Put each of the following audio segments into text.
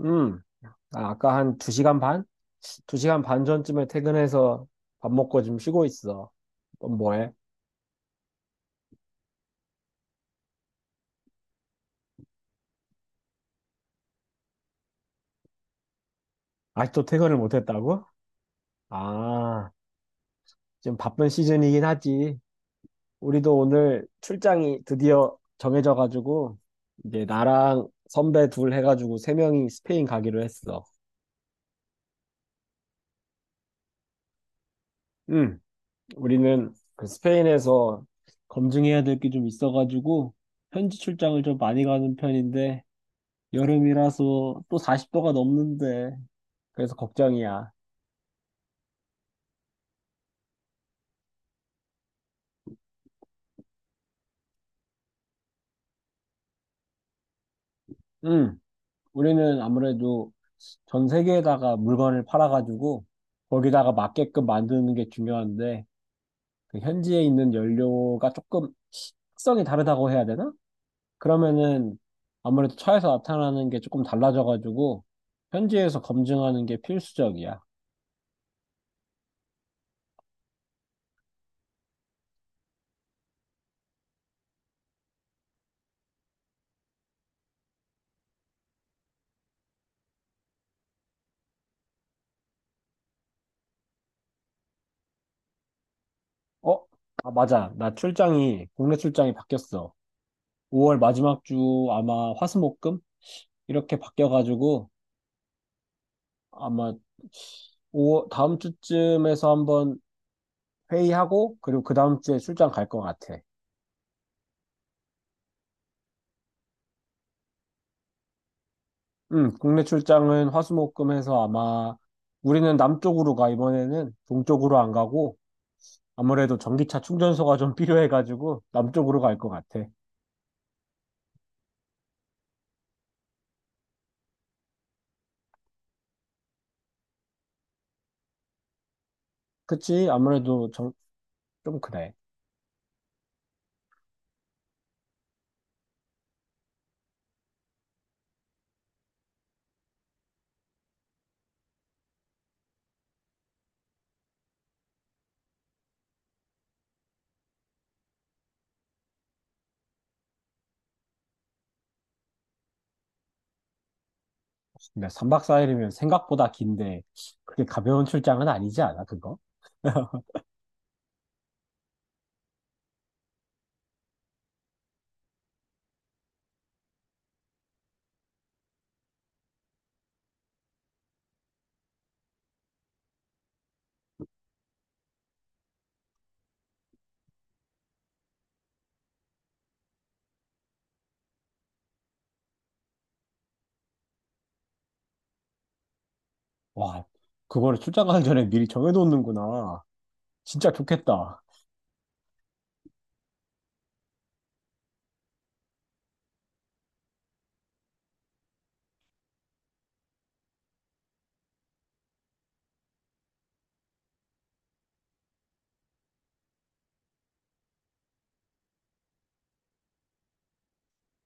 음, 아, 아까 한 2시간 반? 2시간 반 전쯤에 퇴근해서 밥 먹고 지금 쉬고 있어. 넌 뭐해? 아직도 퇴근을 못 했다고? 아, 지금 바쁜 시즌이긴 하지. 우리도 오늘 출장이 드디어 정해져 가지고 이제 나랑 선배 둘 해가지고 세 명이 스페인 가기로 했어. 응. 우리는 그 스페인에서 검증해야 될 게 좀 있어가지고 현지 출장을 좀 많이 가는 편인데 여름이라서 또 40도가 넘는데 그래서 걱정이야. 응, 우리는 아무래도 전 세계에다가 물건을 팔아가지고 거기다가 맞게끔 만드는 게 중요한데 그 현지에 있는 연료가 조금 특성이 다르다고 해야 되나? 그러면은 아무래도 차에서 나타나는 게 조금 달라져가지고 현지에서 검증하는 게 필수적이야. 어? 아, 맞아. 나 출장이 국내 출장이 바뀌었어. 5월 마지막 주 아마 화수목금 이렇게 바뀌어가지고 아마 오, 다음 주쯤에서 한번 회의하고, 그리고 그 다음 주에 출장 갈 것 같아. 응, 국내 출장은 화수목금 해서 아마 우리는 남쪽으로 가, 이번에는 동쪽으로 안 가고, 아무래도 전기차 충전소가 좀 필요해가지고, 남쪽으로 갈 것 같아. 그치? 아무래도 좀 그래. 근데 3박 4일이면 생각보다 긴데, 그게 가벼운 출장은 아니지 않아, 그거? 와, 그거를 출장 가기 전에 미리 정해놓는구나. 진짜 좋겠다.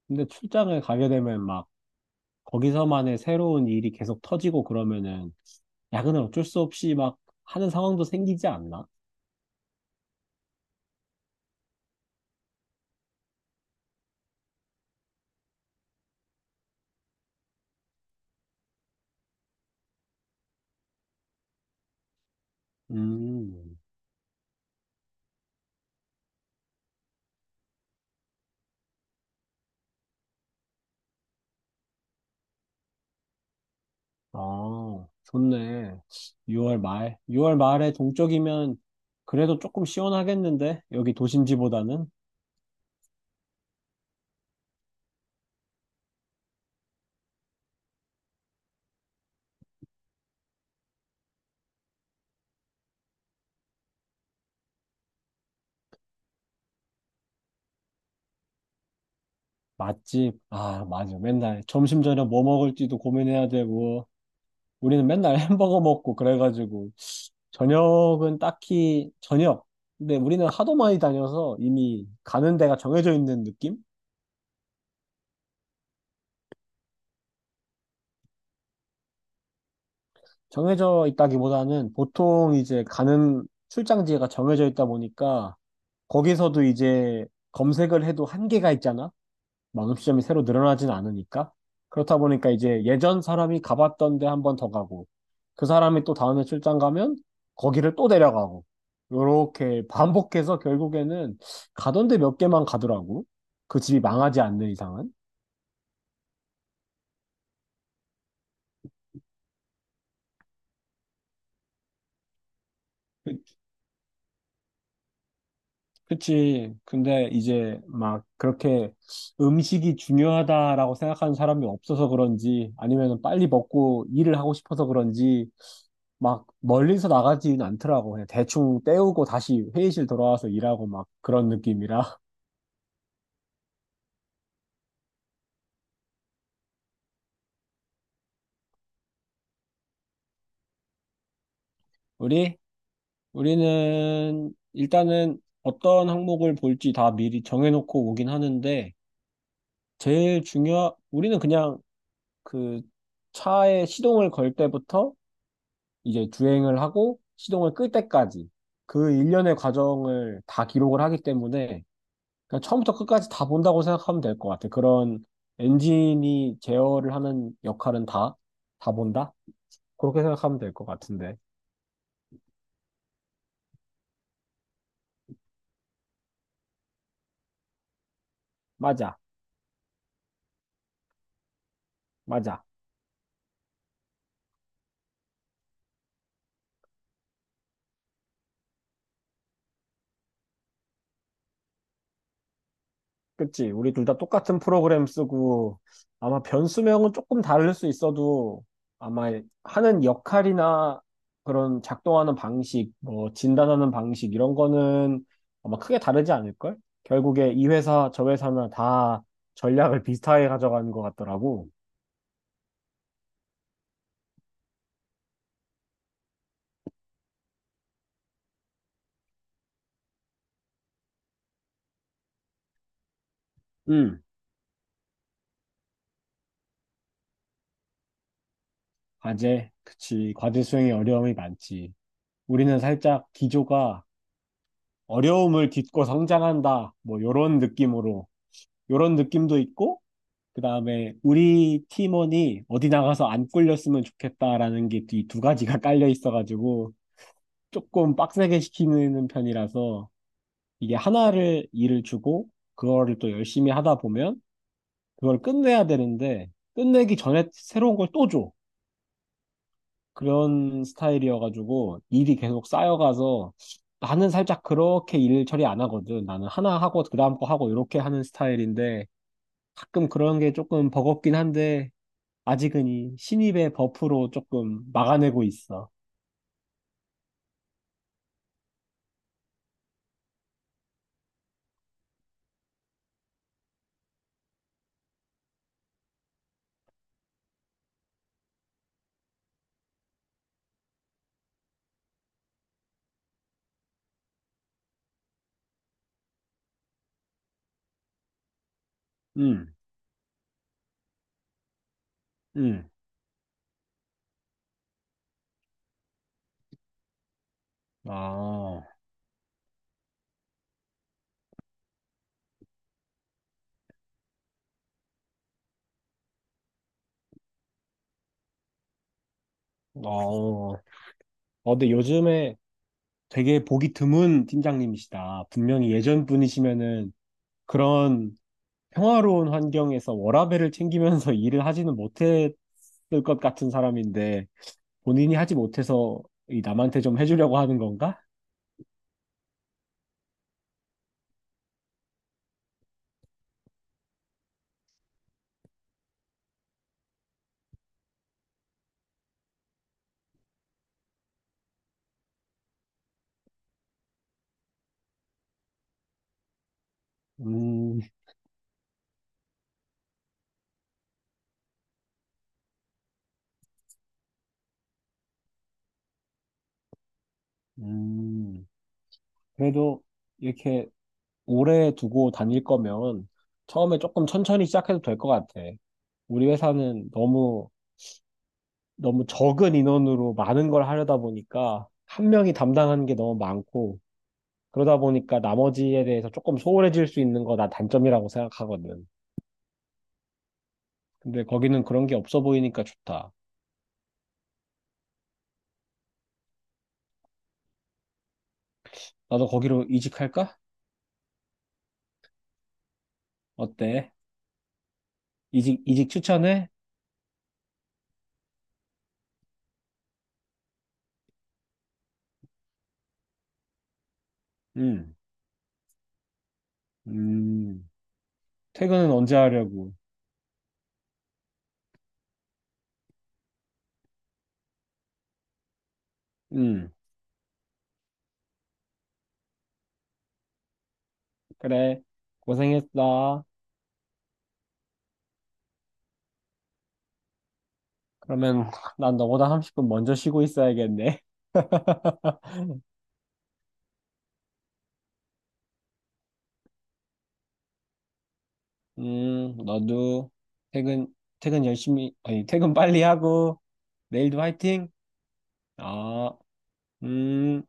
근데 출장을 가게 되면 막 거기서만의 새로운 일이 계속 터지고 그러면은 야근을 어쩔 수 없이 막 하는 상황도 생기지 않나? 음, 아, 좋네. 6월 말. 6월 말에 동쪽이면 그래도 조금 시원하겠는데? 여기 도심지보다는? 맛집. 아, 맞아. 맨날 점심 저녁 뭐 먹을지도 고민해야 되고. 우리는 맨날 햄버거 먹고 그래가지고 저녁은 딱히 저녁. 근데 우리는 하도 많이 다녀서 이미 가는 데가 정해져 있는 느낌? 정해져 있다기보다는 보통 이제 가는 출장지가 정해져 있다 보니까 거기서도 이제 검색을 해도 한계가 있잖아. 만시점이 새로 늘어나진 않으니까. 그렇다 보니까 이제 예전 사람이 가봤던 데 한 번 더 가고, 그 사람이 또 다음에 출장 가면 거기를 또 데려가고, 요렇게 반복해서 결국에는 가던 데 몇 개만 가더라고. 그 집이 망하지 않는 이상은. 그, 그치. 근데 이제 막 그렇게 음식이 중요하다라고 생각하는 사람이 없어서 그런지, 아니면 빨리 먹고 일을 하고 싶어서 그런지, 막 멀리서 나가지는 않더라고. 그냥 대충 때우고 다시 회의실 돌아와서 일하고 막 그런 느낌이라. 우리? 우리는 일단은 어떤 항목을 볼지 다 미리 정해놓고 오긴 하는데, 우리는 그냥 그 차에 시동을 걸 때부터 이제 주행을 하고 시동을 끌 때까지 그 일련의 과정을 다 기록을 하기 때문에 그러니까 처음부터 끝까지 다 본다고 생각하면 될 것 같아. 그런 엔진이 제어를 하는 역할은 다 본다? 그렇게 생각하면 될 것 같은데. 맞아, 맞아. 그치? 우리 둘 다 똑같은 프로그램 쓰고, 아마 변수명은 조금 다를 수 있어도, 아마 하는 역할이나 그런 작동하는 방식, 뭐, 진단하는 방식, 이런 거는 아마 크게 다르지 않을걸? 결국에 이 회사, 저 회사나 다 전략을 비슷하게 가져가는 것 같더라고. 음. 과제, 그치. 과제 수행에 어려움이 많지. 우리는 살짝 기조가 어려움을 딛고 성장한다. 뭐, 요런 느낌으로. 요런 느낌도 있고, 그 다음에 우리 팀원이 어디 나가서 안 꿀렸으면 좋겠다라는 게 이 두 가지가 깔려 있어가지고 조금 빡세게 시키는 편이라서 이게 하나를 일을 주고 그거를 또 열심히 하다 보면 그걸 끝내야 되는데 끝내기 전에 새로운 걸 또 줘. 그런 스타일이어가지고 일이 계속 쌓여가서 나는 살짝 그렇게 일 처리 안 하거든. 나는 하나 하고 그다음 거 하고 이렇게 하는 스타일인데 가끔 그런 게 조금 버겁긴 한데 아직은 이 신입의 버프로 조금 막아내고 있어. 음, 음. 아, 어. 어, 근데 요즘에 되게 보기 드문 팀장님이시다. 분명히 예전 분이시면은 그런 평화로운 환경에서 워라밸을 챙기면서 일을 하지는 못했을 것 같은 사람인데 본인이 하지 못해서 이 남한테 좀 해주려고 하는 건가? 음, 음. 그래도 이렇게 오래 두고 다닐 거면 처음에 조금 천천히 시작해도 될 것 같아. 우리 회사는 너무 너무 적은 인원으로 많은 걸 하려다 보니까 한 명이 담당하는 게 너무 많고 그러다 보니까 나머지에 대해서 조금 소홀해질 수 있는 거 나 단점이라고 생각하거든. 근데 거기는 그런 게 없어 보이니까 좋다. 나도 거기로 이직할까? 어때? 이직 추천해? 응. 음, 퇴근은 언제 하려고? 응. 그래. 고생했어. 그러면 난 너보다 30분 먼저 쉬고 있어야겠네. 너도 퇴근, 퇴근 열심히, 아니, 퇴근 빨리 하고, 내일도 화이팅! 아, 음.